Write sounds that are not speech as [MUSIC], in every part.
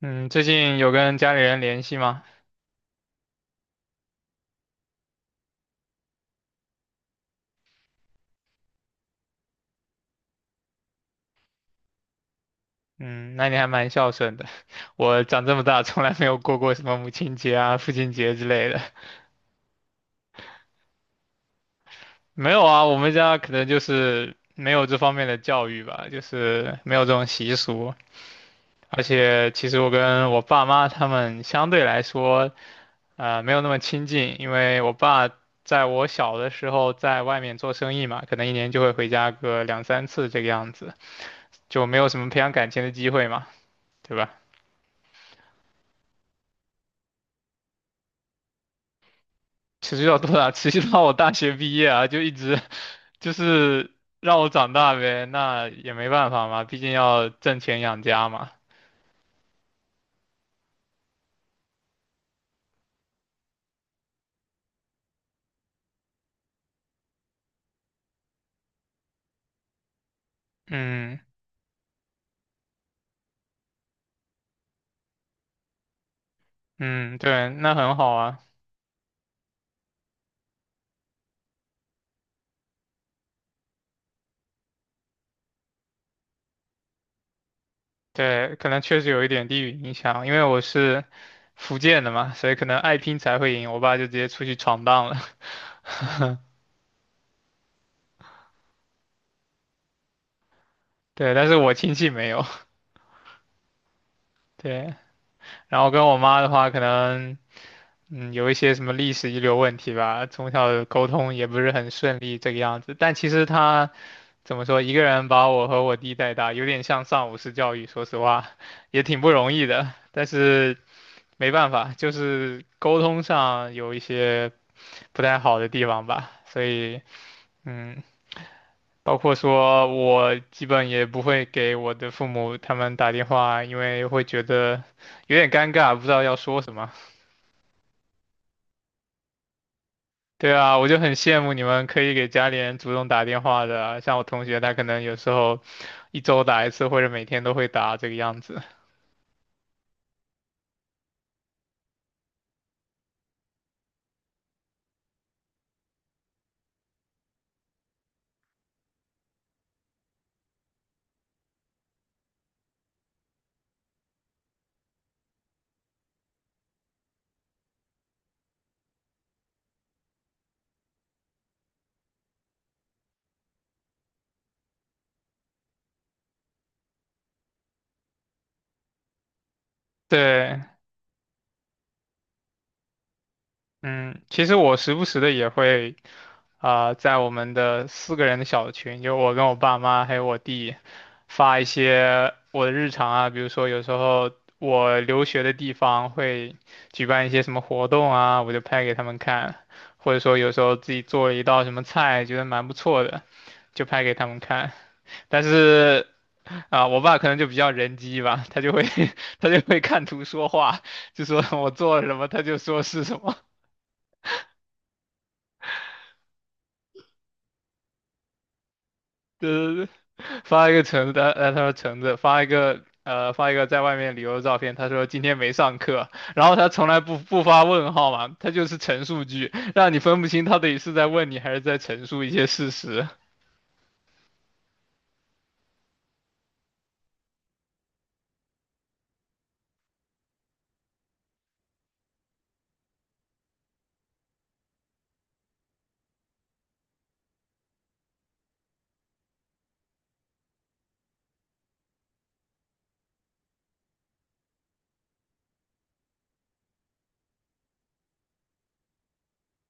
嗯，最近有跟家里人联系吗？嗯，那你还蛮孝顺的。[LAUGHS] 我长这么大从来没有过过什么母亲节啊、父亲节之类的。[LAUGHS] 没有啊，我们家可能就是没有这方面的教育吧，就是没有这种习俗。而且其实我跟我爸妈他们相对来说，没有那么亲近，因为我爸在我小的时候在外面做生意嘛，可能一年就会回家个两三次这个样子，就没有什么培养感情的机会嘛，对吧？持续到多大？[LAUGHS] 持续到我大学毕业啊，就一直 [LAUGHS] 就是让我长大呗，那也没办法嘛，毕竟要挣钱养家嘛。嗯嗯，对，那很好啊。对，可能确实有一点地域影响，因为我是福建的嘛，所以可能爱拼才会赢。我爸就直接出去闯荡了。[LAUGHS] 对，但是我亲戚没有。对，然后跟我妈的话，可能。嗯，有一些什么历史遗留问题吧，从小沟通也不是很顺利这个样子。但其实他怎么说，一个人把我和我弟带大，有点像上武式教育，说实话，[LAUGHS] 也挺不容易的。但是没办法，就是沟通上有一些不太好的地方吧。所以，嗯，包括说我基本也不会给我的父母他们打电话，因为会觉得有点尴尬，不知道要说什么。对啊，我就很羡慕你们可以给家里人主动打电话的啊，像我同学他可能有时候一周打一次，或者每天都会打这个样子。对，嗯，其实我时不时的也会。啊、在我们的四个人的小群，就我跟我爸妈还有我弟，发一些我的日常啊，比如说有时候我留学的地方会举办一些什么活动啊，我就拍给他们看，或者说有时候自己做了一道什么菜，觉得蛮不错的，就拍给他们看。但是啊、我爸可能就比较人机吧，他就会 [LAUGHS] 他就会看图说话，就说我做了什么，他就说是什么。对对对，[LAUGHS] 发一个橙子，他说橙子，发一个在外面旅游的照片，他说今天没上课，然后他从来不发问号嘛，他就是陈述句，让你分不清他到底是在问你还是在陈述一些事实。[LAUGHS]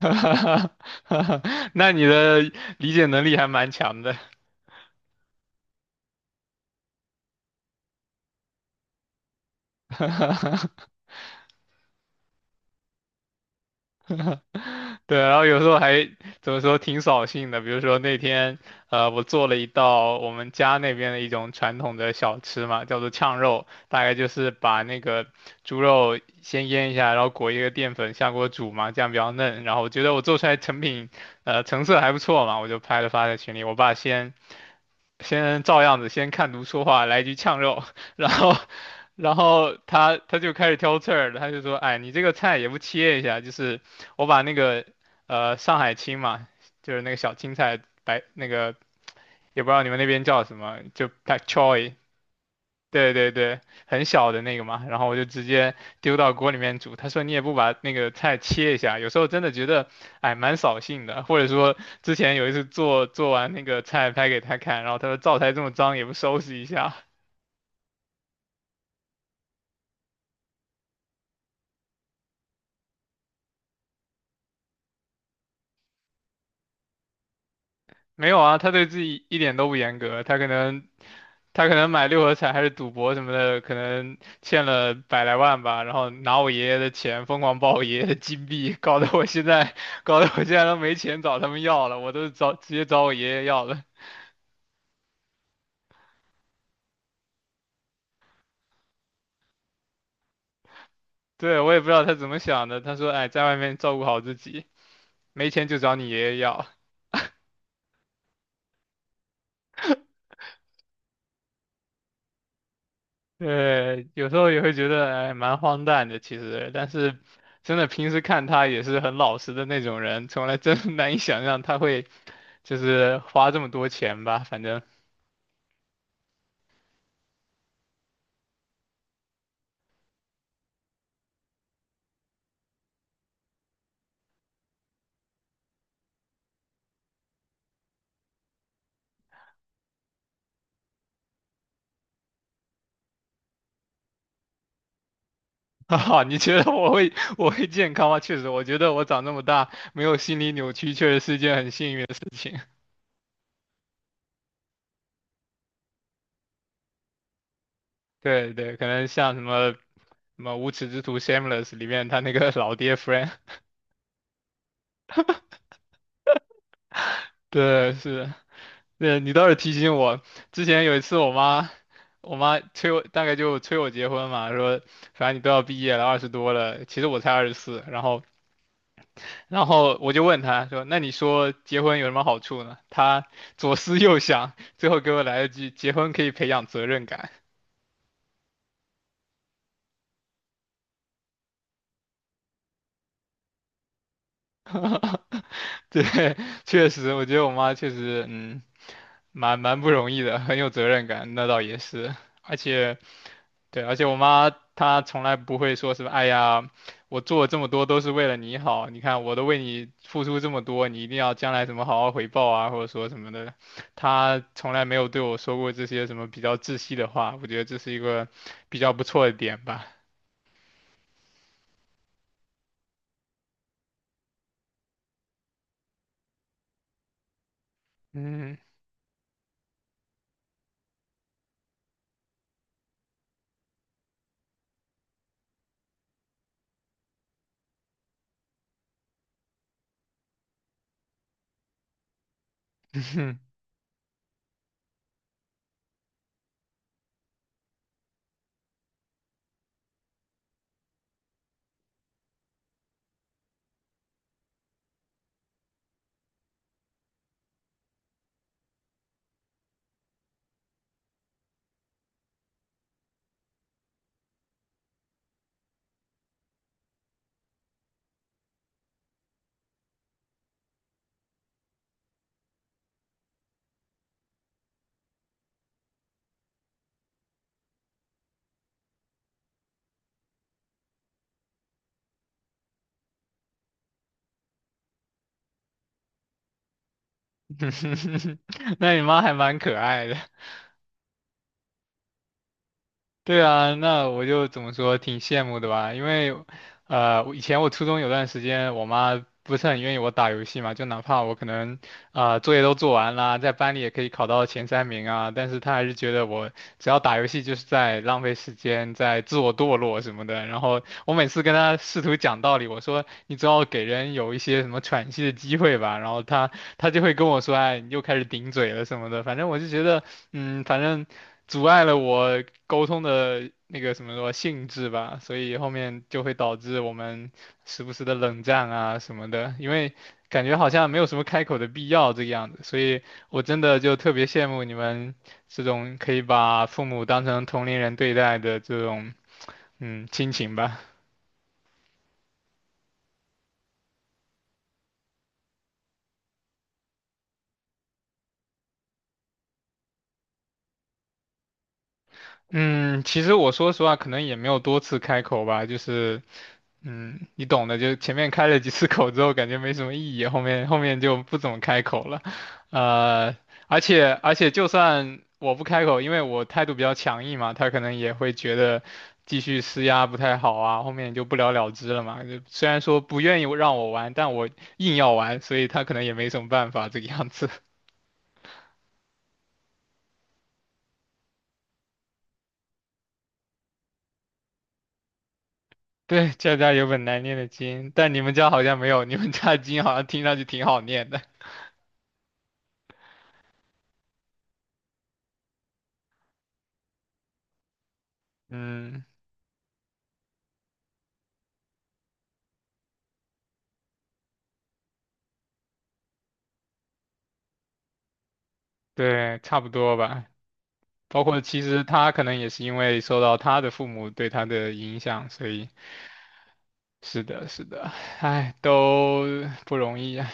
哈哈哈哈哈，那你的理解能力还蛮强的。[LAUGHS] [LAUGHS] 对，然后有时候还怎么说挺扫兴的，比如说那天，我做了一道我们家那边的一种传统的小吃嘛，叫做炝肉，大概就是把那个猪肉先腌一下，然后裹一个淀粉下锅煮嘛，这样比较嫩。然后我觉得我做出来成品，成色还不错嘛，我就拍了发在群里。我爸先照样子先看图说话，来一句呛肉，[LAUGHS] 然后，然后他就开始挑刺儿了，他就说，哎，你这个菜也不切一下，就是我把那个上海青嘛，就是那个小青菜白那个，也不知道你们那边叫什么，就 pak choi，对对对，很小的那个嘛，然后我就直接丢到锅里面煮。他说你也不把那个菜切一下，有时候真的觉得，哎，蛮扫兴的。或者说之前有一次做做完那个菜拍给他看，然后他说灶台这么脏也不收拾一下。没有啊，他对自己一点都不严格，他可能买六合彩还是赌博什么的，可能欠了百来万吧，然后拿我爷爷的钱疯狂爆我爷爷的金币，搞得我现在 [LAUGHS] 搞得我现在都没钱找他们要了，我都直接找我爷爷要了。对，我也不知道他怎么想的，他说哎，在外面照顾好自己，没钱就找你爷爷要。对，有时候也会觉得哎，蛮荒诞的其实，但是真的平时看他也是很老实的那种人，从来真的难以想象他会。就是花这么多钱吧，反正。[LAUGHS] 哈哈，你觉得我会健康吗？确实，我觉得我长这么大没有心理扭曲，确实是一件很幸运的事情。[LAUGHS] 对对，可能像什么什么无耻之徒 Shameless 里面他那个老爹 Frank，[LAUGHS] 对，是，对，你倒是提醒我，之前有一次我妈。我妈催我，大概就催我结婚嘛，说反正你都要毕业了，20多了，其实我才24，然后我就问他说：“那你说结婚有什么好处呢？”他左思右想，最后给我来了句：“结婚可以培养责任感。[LAUGHS]”对，[LAUGHS] 确实，我觉得我妈确实，嗯，蛮不容易的，很有责任感，那倒也是，而且。对，而且我妈她从来不会说什么，哎呀，我做了这么多都是为了你好，你看我都为你付出这么多，你一定要将来怎么好好回报啊，或者说什么的，她从来没有对我说过这些什么比较窒息的话，我觉得这是一个比较不错的点吧。嗯，[LAUGHS] 那你妈还蛮可爱的。对啊，那我就怎么说，挺羡慕的吧？因为，我以前我初中有段时间，我妈不是很愿意我打游戏嘛，就哪怕我可能，啊，作业都做完啦，在班里也可以考到前三名啊，但是她还是觉得我只要打游戏就是在浪费时间，在自我堕落什么的。然后我每次跟她试图讲道理，我说你总要给人有一些什么喘息的机会吧，然后她就会跟我说，哎，你又开始顶嘴了什么的。反正我就觉得，嗯，反正。阻碍了我沟通的那个什么说性质吧，所以后面就会导致我们时不时的冷战啊什么的，因为感觉好像没有什么开口的必要这个样子，所以我真的就特别羡慕你们这种可以把父母当成同龄人对待的这种嗯亲情吧。嗯，其实我说实话，可能也没有多次开口吧，就是你懂的，就前面开了几次口之后，感觉没什么意义，后面就不怎么开口了，呃，而且就算我不开口，因为我态度比较强硬嘛，他可能也会觉得继续施压不太好啊，后面就不了了之了嘛。就虽然说不愿意让我玩，但我硬要玩，所以他可能也没什么办法这个样子。[LAUGHS] 对，家家有本难念的经，但你们家好像没有，你们家的经好像听上去挺好念的。嗯，对，差不多吧。包括其实他可能也是因为受到他的父母对他的影响，所以是的，是的，唉，都不容易啊。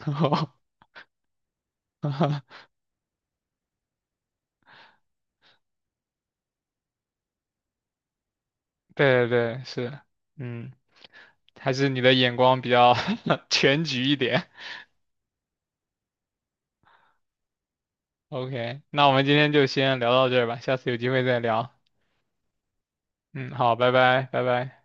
[LAUGHS] 对对对，是，嗯，还是你的眼光比较 [LAUGHS] 全局一点。OK，那我们今天就先聊到这儿吧，下次有机会再聊。嗯，好，拜拜，拜拜。